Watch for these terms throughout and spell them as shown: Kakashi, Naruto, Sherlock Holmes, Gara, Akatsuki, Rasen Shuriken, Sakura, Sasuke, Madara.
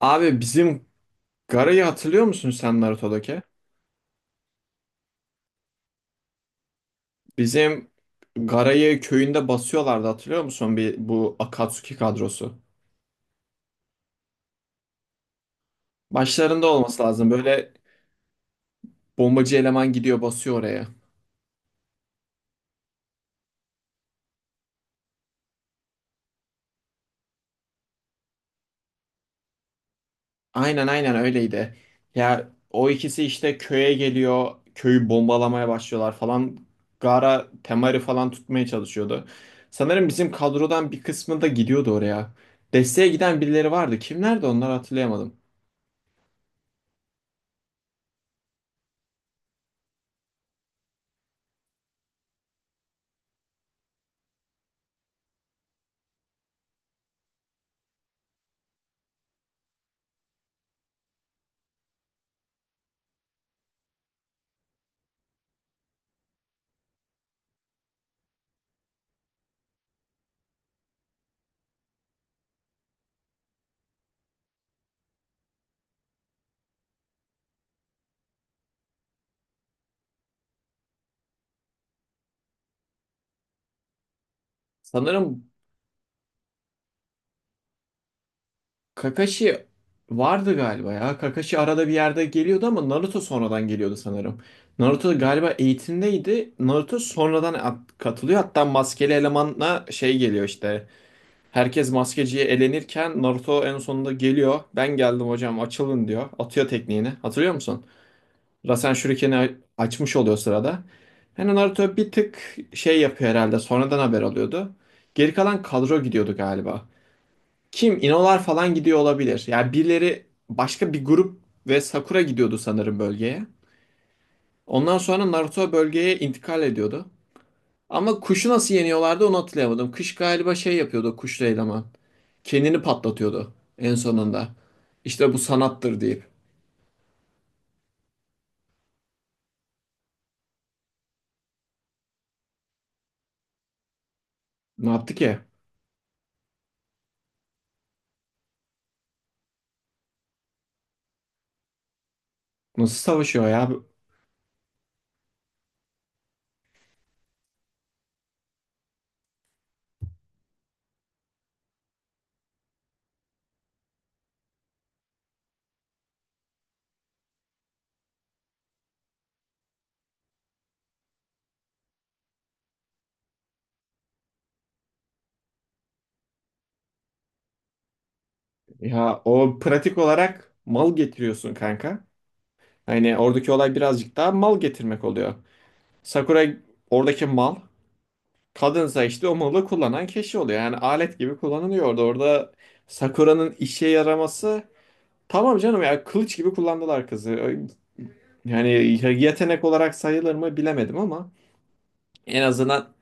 Abi bizim Gara'yı hatırlıyor musun sen Naruto'daki? Bizim Gara'yı köyünde basıyorlardı hatırlıyor musun bir bu Akatsuki kadrosu? Başlarında olması lazım. Böyle bombacı eleman gidiyor basıyor oraya. Aynen aynen öyleydi. Ya o ikisi işte köye geliyor. Köyü bombalamaya başlıyorlar falan. Gara Temari falan tutmaya çalışıyordu. Sanırım bizim kadrodan bir kısmı da gidiyordu oraya. Desteğe giden birileri vardı. Kimlerdi onlar hatırlayamadım. Sanırım Kakashi vardı galiba ya. Kakashi arada bir yerde geliyordu ama Naruto sonradan geliyordu sanırım. Naruto galiba eğitimdeydi. Naruto sonradan katılıyor. Hatta maskeli elemanla şey geliyor işte. Herkes maskeciye elenirken Naruto en sonunda geliyor. Ben geldim hocam açılın diyor. Atıyor tekniğini. Hatırlıyor musun? Rasen Shuriken'i a- açmış oluyor sırada. Yani Naruto bir tık şey yapıyor herhalde. Sonradan haber alıyordu. Geri kalan kadro gidiyordu galiba. Kim? İnolar falan gidiyor olabilir. Yani birileri başka bir grup ve Sakura gidiyordu sanırım bölgeye. Ondan sonra Naruto bölgeye intikal ediyordu. Ama kuşu nasıl yeniyorlardı onu hatırlayamadım. Kış galiba şey yapıyordu kuşlu eleman. Kendini patlatıyordu en sonunda. İşte bu sanattır deyip. Ne yaptı ki? Nasıl savaşıyor ya? Ya o pratik olarak mal getiriyorsun kanka. Hani oradaki olay birazcık daha mal getirmek oluyor. Sakura oradaki mal. Kadınsa işte o malı kullanan kişi oluyor. Yani alet gibi kullanılıyor orada. Orada Sakura'nın işe yaraması tamam canım ya kılıç gibi kullandılar kızı. Yani yetenek olarak sayılır mı bilemedim ama en azından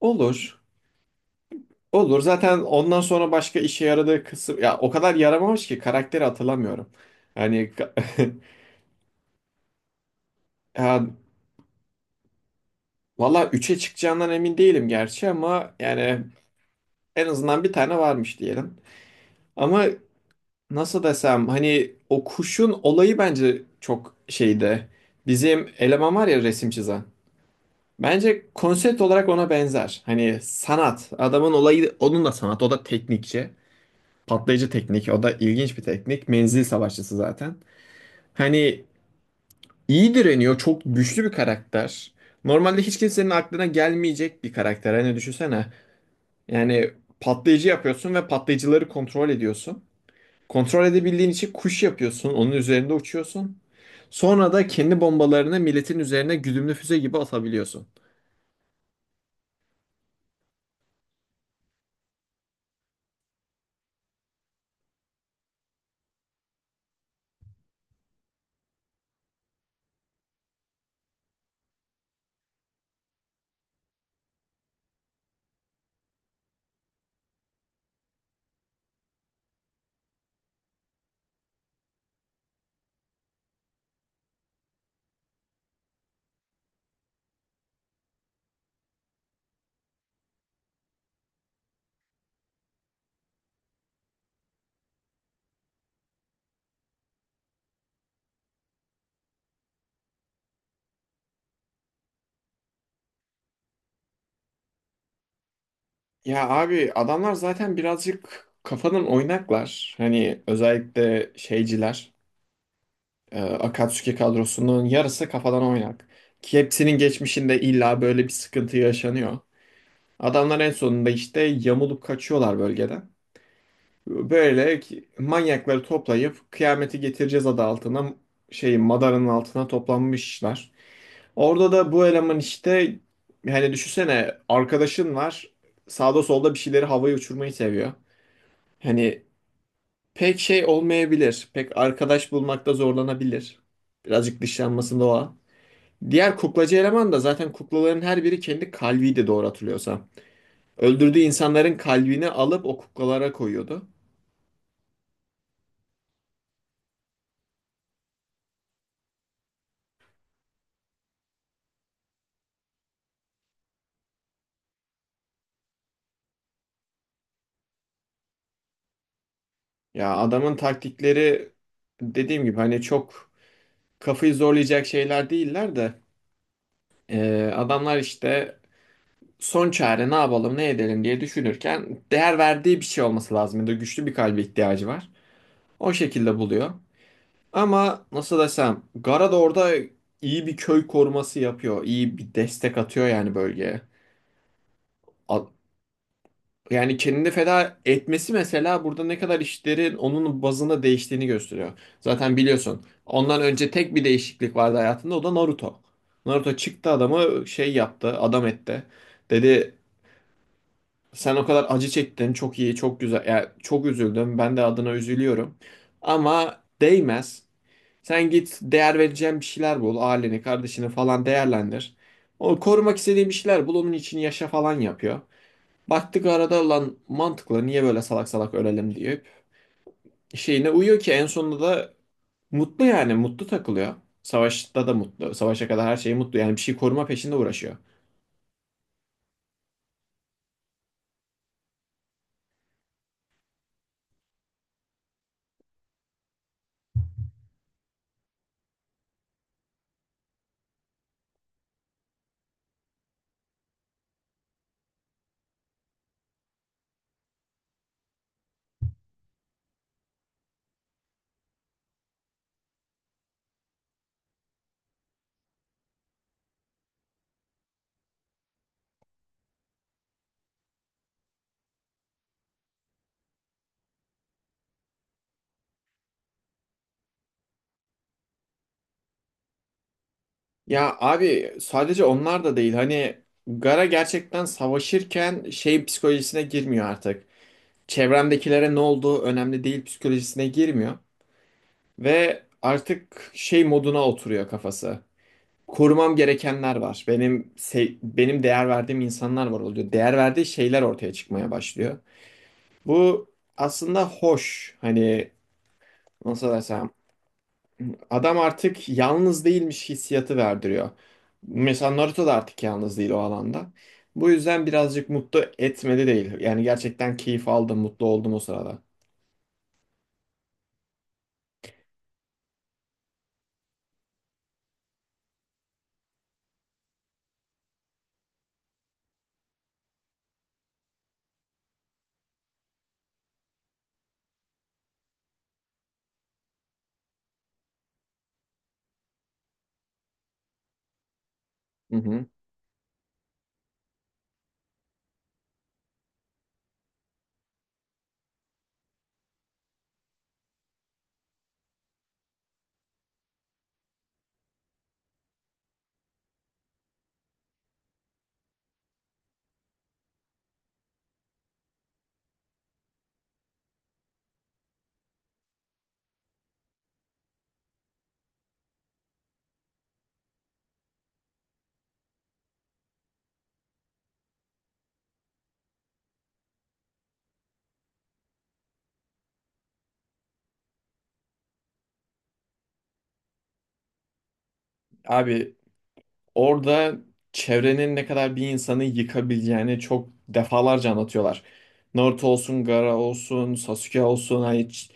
olur. Olur. Zaten ondan sonra başka işe yaradığı kısım ya o kadar yaramamış ki karakteri hatırlamıyorum. Yani ya, valla 3'e çıkacağından emin değilim gerçi ama yani en azından bir tane varmış diyelim. Ama nasıl desem hani o kuşun olayı bence çok şeydi. Bizim eleman var ya resim çizen. Bence konsept olarak ona benzer. Hani sanat. Adamın olayı onun da sanat. O da teknikçi. Patlayıcı teknik. O da ilginç bir teknik. Menzil savaşçısı zaten. Hani iyi direniyor. Çok güçlü bir karakter. Normalde hiç kimsenin aklına gelmeyecek bir karakter. Hani düşünsene. Yani patlayıcı yapıyorsun ve patlayıcıları kontrol ediyorsun. Kontrol edebildiğin için kuş yapıyorsun. Onun üzerinde uçuyorsun. Sonra da kendi bombalarını milletin üzerine güdümlü füze gibi atabiliyorsun. Ya abi adamlar zaten birazcık kafadan oynaklar. Hani özellikle şeyciler, Akatsuki kadrosunun yarısı kafadan oynak. Ki hepsinin geçmişinde illa böyle bir sıkıntı yaşanıyor. Adamlar en sonunda işte yamulup kaçıyorlar bölgeden. Böyle manyakları toplayıp kıyameti getireceğiz adı altına şeyin Madara'nın altına toplanmışlar. Orada da bu eleman işte hani düşünsene arkadaşın var sağda solda bir şeyleri havaya uçurmayı seviyor. Hani pek şey olmayabilir. Pek arkadaş bulmakta zorlanabilir. Birazcık dışlanması doğa. Diğer kuklacı eleman da zaten kuklaların her biri kendi kalbiydi doğru hatırlıyorsam. Öldürdüğü insanların kalbini alıp o kuklalara koyuyordu. Ya adamın taktikleri dediğim gibi hani çok kafayı zorlayacak şeyler değiller de adamlar işte son çare ne yapalım ne edelim diye düşünürken değer verdiği bir şey olması lazım. Ya da güçlü bir kalbe ihtiyacı var. O şekilde buluyor. Ama nasıl desem Gara da orada iyi bir köy koruması yapıyor. İyi bir destek atıyor yani bölgeye. A- Yani kendini feda etmesi mesela burada ne kadar işlerin onun bazında değiştiğini gösteriyor. Zaten biliyorsun ondan önce tek bir değişiklik vardı hayatında, o da Naruto. Naruto çıktı adamı şey yaptı adam etti. Dedi sen o kadar acı çektin çok iyi çok güzel yani çok üzüldüm ben de adına üzülüyorum. Ama değmez. Sen git değer vereceğin bir şeyler bul aileni kardeşini falan değerlendir. O korumak istediğin bir şeyler bul onun için yaşa falan yapıyor. Baktık arada lan mantıklı niye böyle salak salak ölelim deyip şeyine uyuyor ki en sonunda da mutlu yani mutlu takılıyor. Savaşta da mutlu. Savaşa kadar her şey mutlu. Yani bir şey koruma peşinde uğraşıyor. Ya abi sadece onlar da değil. Hani Gara gerçekten savaşırken şey psikolojisine girmiyor artık. Çevremdekilere ne olduğu önemli değil psikolojisine girmiyor. Ve artık şey moduna oturuyor kafası. Korumam gerekenler var. Benim değer verdiğim insanlar var oluyor. Değer verdiği şeyler ortaya çıkmaya başlıyor. Bu aslında hoş. Hani nasıl desem adam artık yalnız değilmiş hissiyatı verdiriyor. Mesela Naruto da artık yalnız değil o alanda. Bu yüzden birazcık mutlu etmedi değil. Yani gerçekten keyif aldım, mutlu oldum o sırada. Hı hı. Abi orada çevrenin ne kadar bir insanı yıkabileceğini çok defalarca anlatıyorlar. Naruto olsun, Gaara olsun, Sasuke olsun,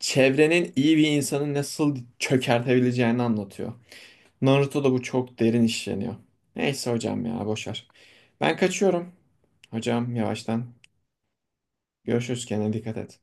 çevrenin iyi bir insanı nasıl çökertebileceğini anlatıyor. Naruto'da bu çok derin işleniyor. Neyse hocam ya boş ver. Ben kaçıyorum. Hocam yavaştan. Görüşürüz, kendine dikkat et.